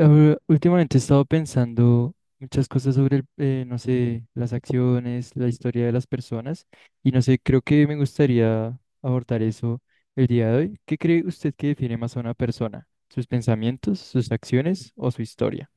Ahora, últimamente he estado pensando muchas cosas sobre, no sé, las acciones, la historia de las personas y no sé, creo que me gustaría abordar eso el día de hoy. ¿Qué cree usted que define más a una persona? ¿Sus pensamientos, sus acciones o su historia?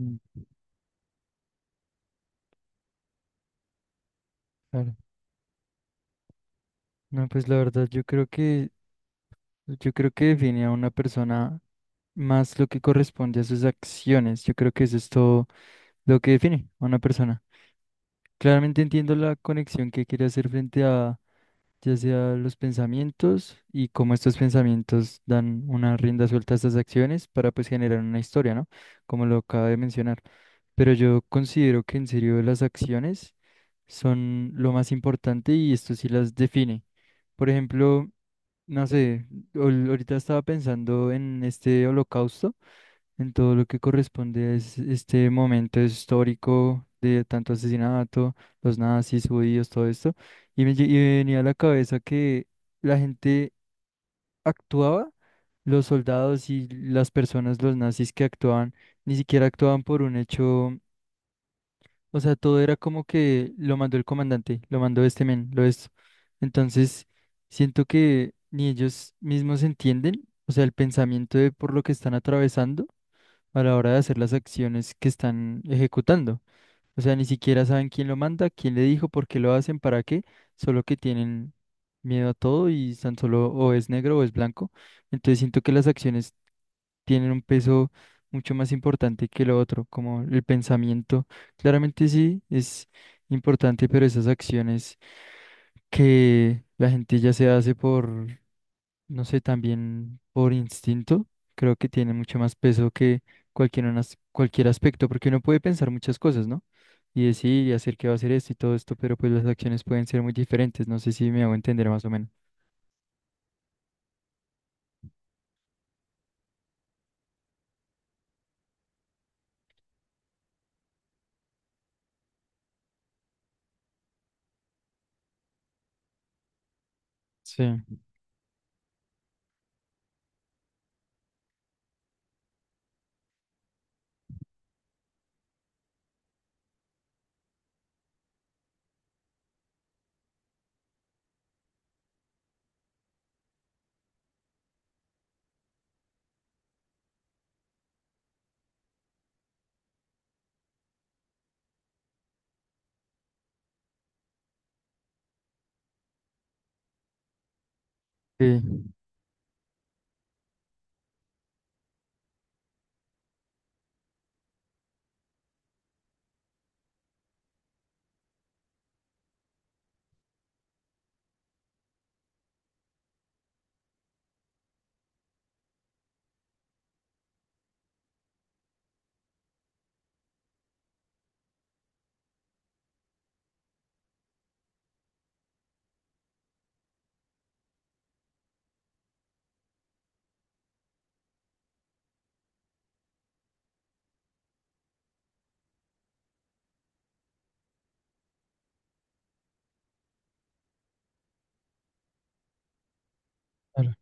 Mm. Claro. No, pues la verdad, yo creo que define a una persona más lo que corresponde a sus acciones. Yo creo que eso es todo lo que define a una persona. Claramente entiendo la conexión que quiere hacer frente ya sea los pensamientos y cómo estos pensamientos dan una rienda suelta a estas acciones para pues generar una historia, ¿no? Como lo acaba de mencionar. Pero yo considero que en serio las acciones son lo más importante y esto sí las define. Por ejemplo, no sé, ahorita estaba pensando en este holocausto en todo lo que corresponde a este momento histórico de tanto asesinato, los nazis, judíos, todo esto. Y me venía a la cabeza que la gente actuaba, los soldados y las personas, los nazis que actuaban, ni siquiera actuaban por un hecho, o sea, todo era como que lo mandó el comandante, lo mandó este men, lo esto. Entonces, siento que ni ellos mismos entienden, o sea, el pensamiento de por lo que están atravesando a la hora de hacer las acciones que están ejecutando. O sea, ni siquiera saben quién lo manda, quién le dijo, por qué lo hacen, para qué, solo que tienen miedo a todo y tan solo o es negro o es blanco. Entonces siento que las acciones tienen un peso mucho más importante que lo otro, como el pensamiento. Claramente sí es importante, pero esas acciones que la gente ya se hace por no sé, también por instinto, creo que tiene mucho más peso que cualquier aspecto, porque uno puede pensar muchas cosas, ¿no? Y decir y hacer que va a hacer esto y todo esto, pero pues las acciones pueden ser muy diferentes, no sé si me hago entender más o menos. Sí, sí, claro.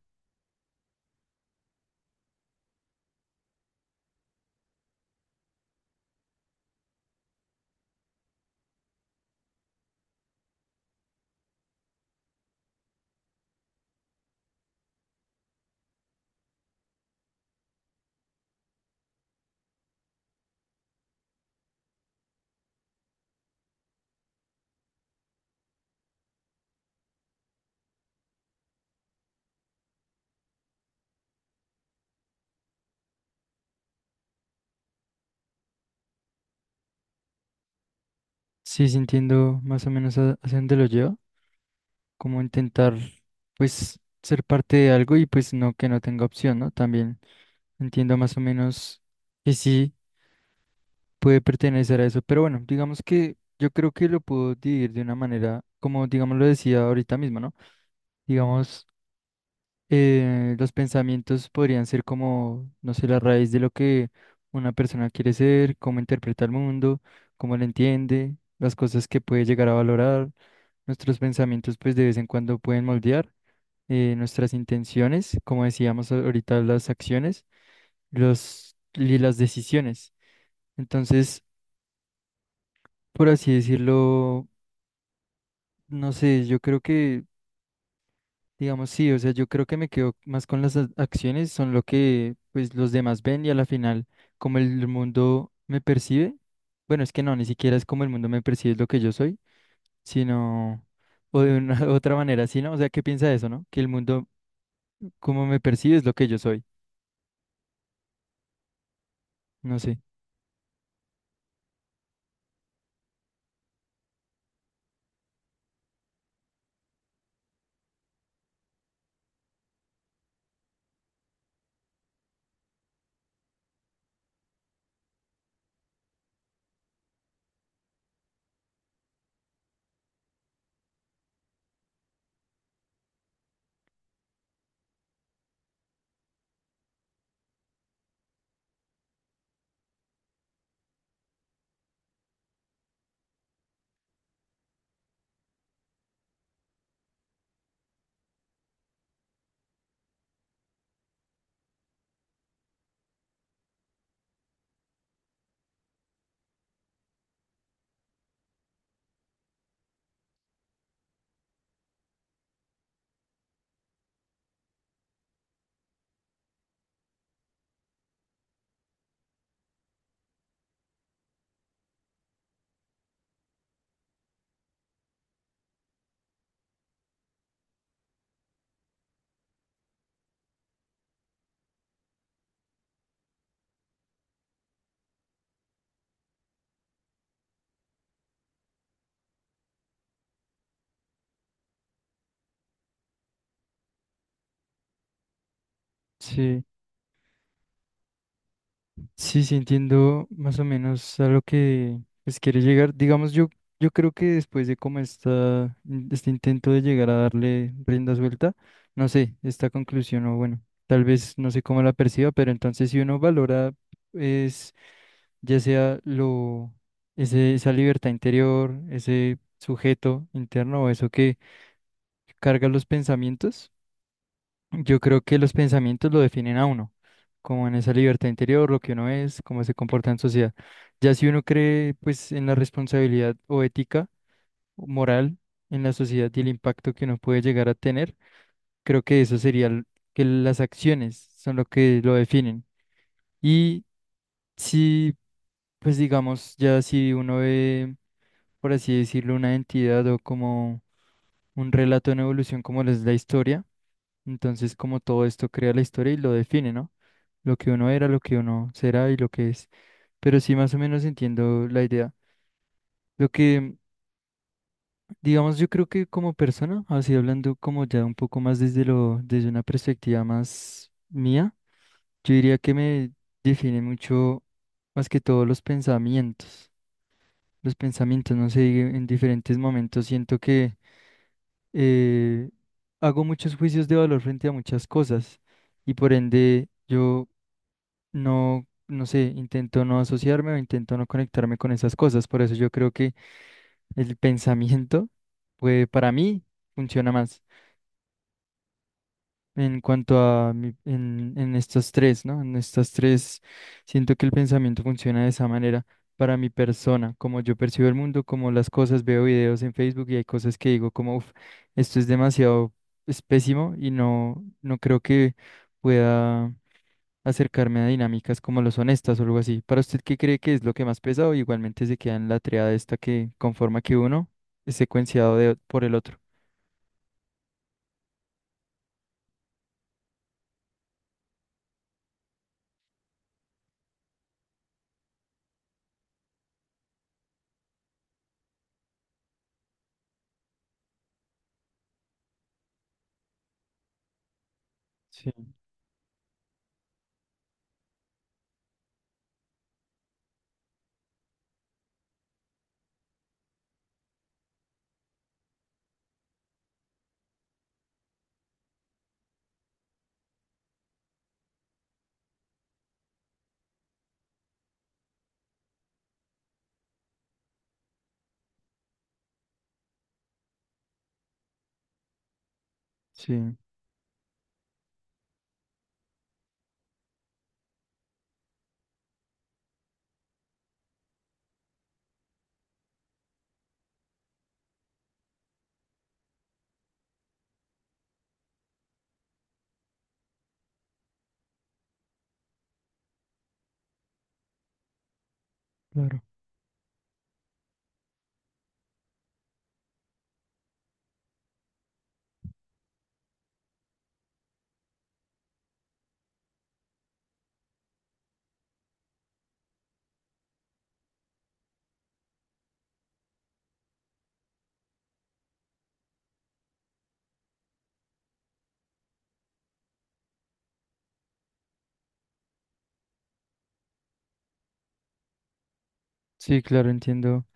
Sí, sí entiendo más o menos hacia dónde lo lleva, como intentar, pues, ser parte de algo y pues no que no tenga opción, ¿no? También entiendo más o menos que sí. Puede pertenecer a eso. Pero bueno, digamos que yo creo que lo puedo dividir de una manera, como digamos lo decía ahorita mismo, ¿no? Digamos, los pensamientos podrían ser como, no sé, la raíz de lo que una persona quiere ser, cómo interpreta el mundo, cómo lo entiende, las cosas que puede llegar a valorar. Nuestros pensamientos, pues de vez en cuando pueden moldear nuestras intenciones, como decíamos ahorita, las acciones, los, y las decisiones. Entonces, por así decirlo, no sé, yo creo que, digamos, sí, o sea, yo creo que me quedo más con las acciones, son lo que pues los demás ven y a la final, como el mundo me percibe, bueno, es que no, ni siquiera es como el mundo me percibe, es lo que yo soy, sino, o de una otra manera, sino, o sea, ¿qué piensa de eso, no? Que el mundo como me percibe es lo que yo soy, no sé. Sí. Sí, sí, entiendo más o menos a lo que pues, quiere llegar. Yo creo que después de como este intento de llegar a darle rienda suelta, no sé, esta conclusión, o bueno, tal vez no sé cómo la perciba, pero entonces si uno valora, es ya sea lo, ese, esa libertad interior, ese sujeto interno o eso que carga los pensamientos. Yo creo que los pensamientos lo definen a uno, como en esa libertad interior, lo que uno es, cómo se comporta en sociedad. Ya si uno cree pues en la responsabilidad o ética o moral en la sociedad y el impacto que uno puede llegar a tener, creo que eso sería que las acciones son lo que lo definen. Y si pues digamos ya si uno ve, por así decirlo, una entidad o como un relato en evolución como lo es la historia. Entonces, como todo esto crea la historia y lo define, ¿no? Lo que uno era, lo que uno será y lo que es. Pero sí, más o menos entiendo la idea. Lo que, digamos, yo creo que como persona, así hablando como ya un poco más desde lo, desde una perspectiva más mía, yo diría que me define mucho más que todo los pensamientos. Los pensamientos, no sé, en diferentes momentos siento que eh, hago muchos juicios de valor frente a muchas cosas y por ende yo no sé, intento no asociarme o intento no conectarme con esas cosas. Por eso yo creo que el pensamiento, pues para mí, funciona más en cuanto a en estas tres, ¿no? En estas tres, siento que el pensamiento funciona de esa manera para mi persona, como yo percibo el mundo, como las cosas, veo videos en Facebook y hay cosas que digo como, uff, esto es demasiado, es pésimo y no, no creo que pueda acercarme a dinámicas como lo son estas o algo así. ¿Para usted qué cree que es lo que más pesa o igualmente se queda en la triada esta que conforma que uno es secuenciado de, por el otro? Sí, sí, claro. Sí, claro, entiendo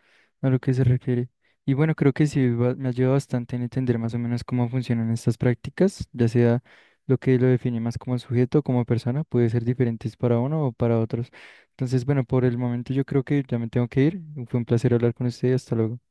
a lo que se refiere. Y bueno, creo que sí me ayuda bastante en entender más o menos cómo funcionan estas prácticas, ya sea lo que lo define más como sujeto o como persona, puede ser diferentes para uno o para otros. Entonces, bueno, por el momento yo creo que ya me tengo que ir. Fue un placer hablar con usted, hasta luego.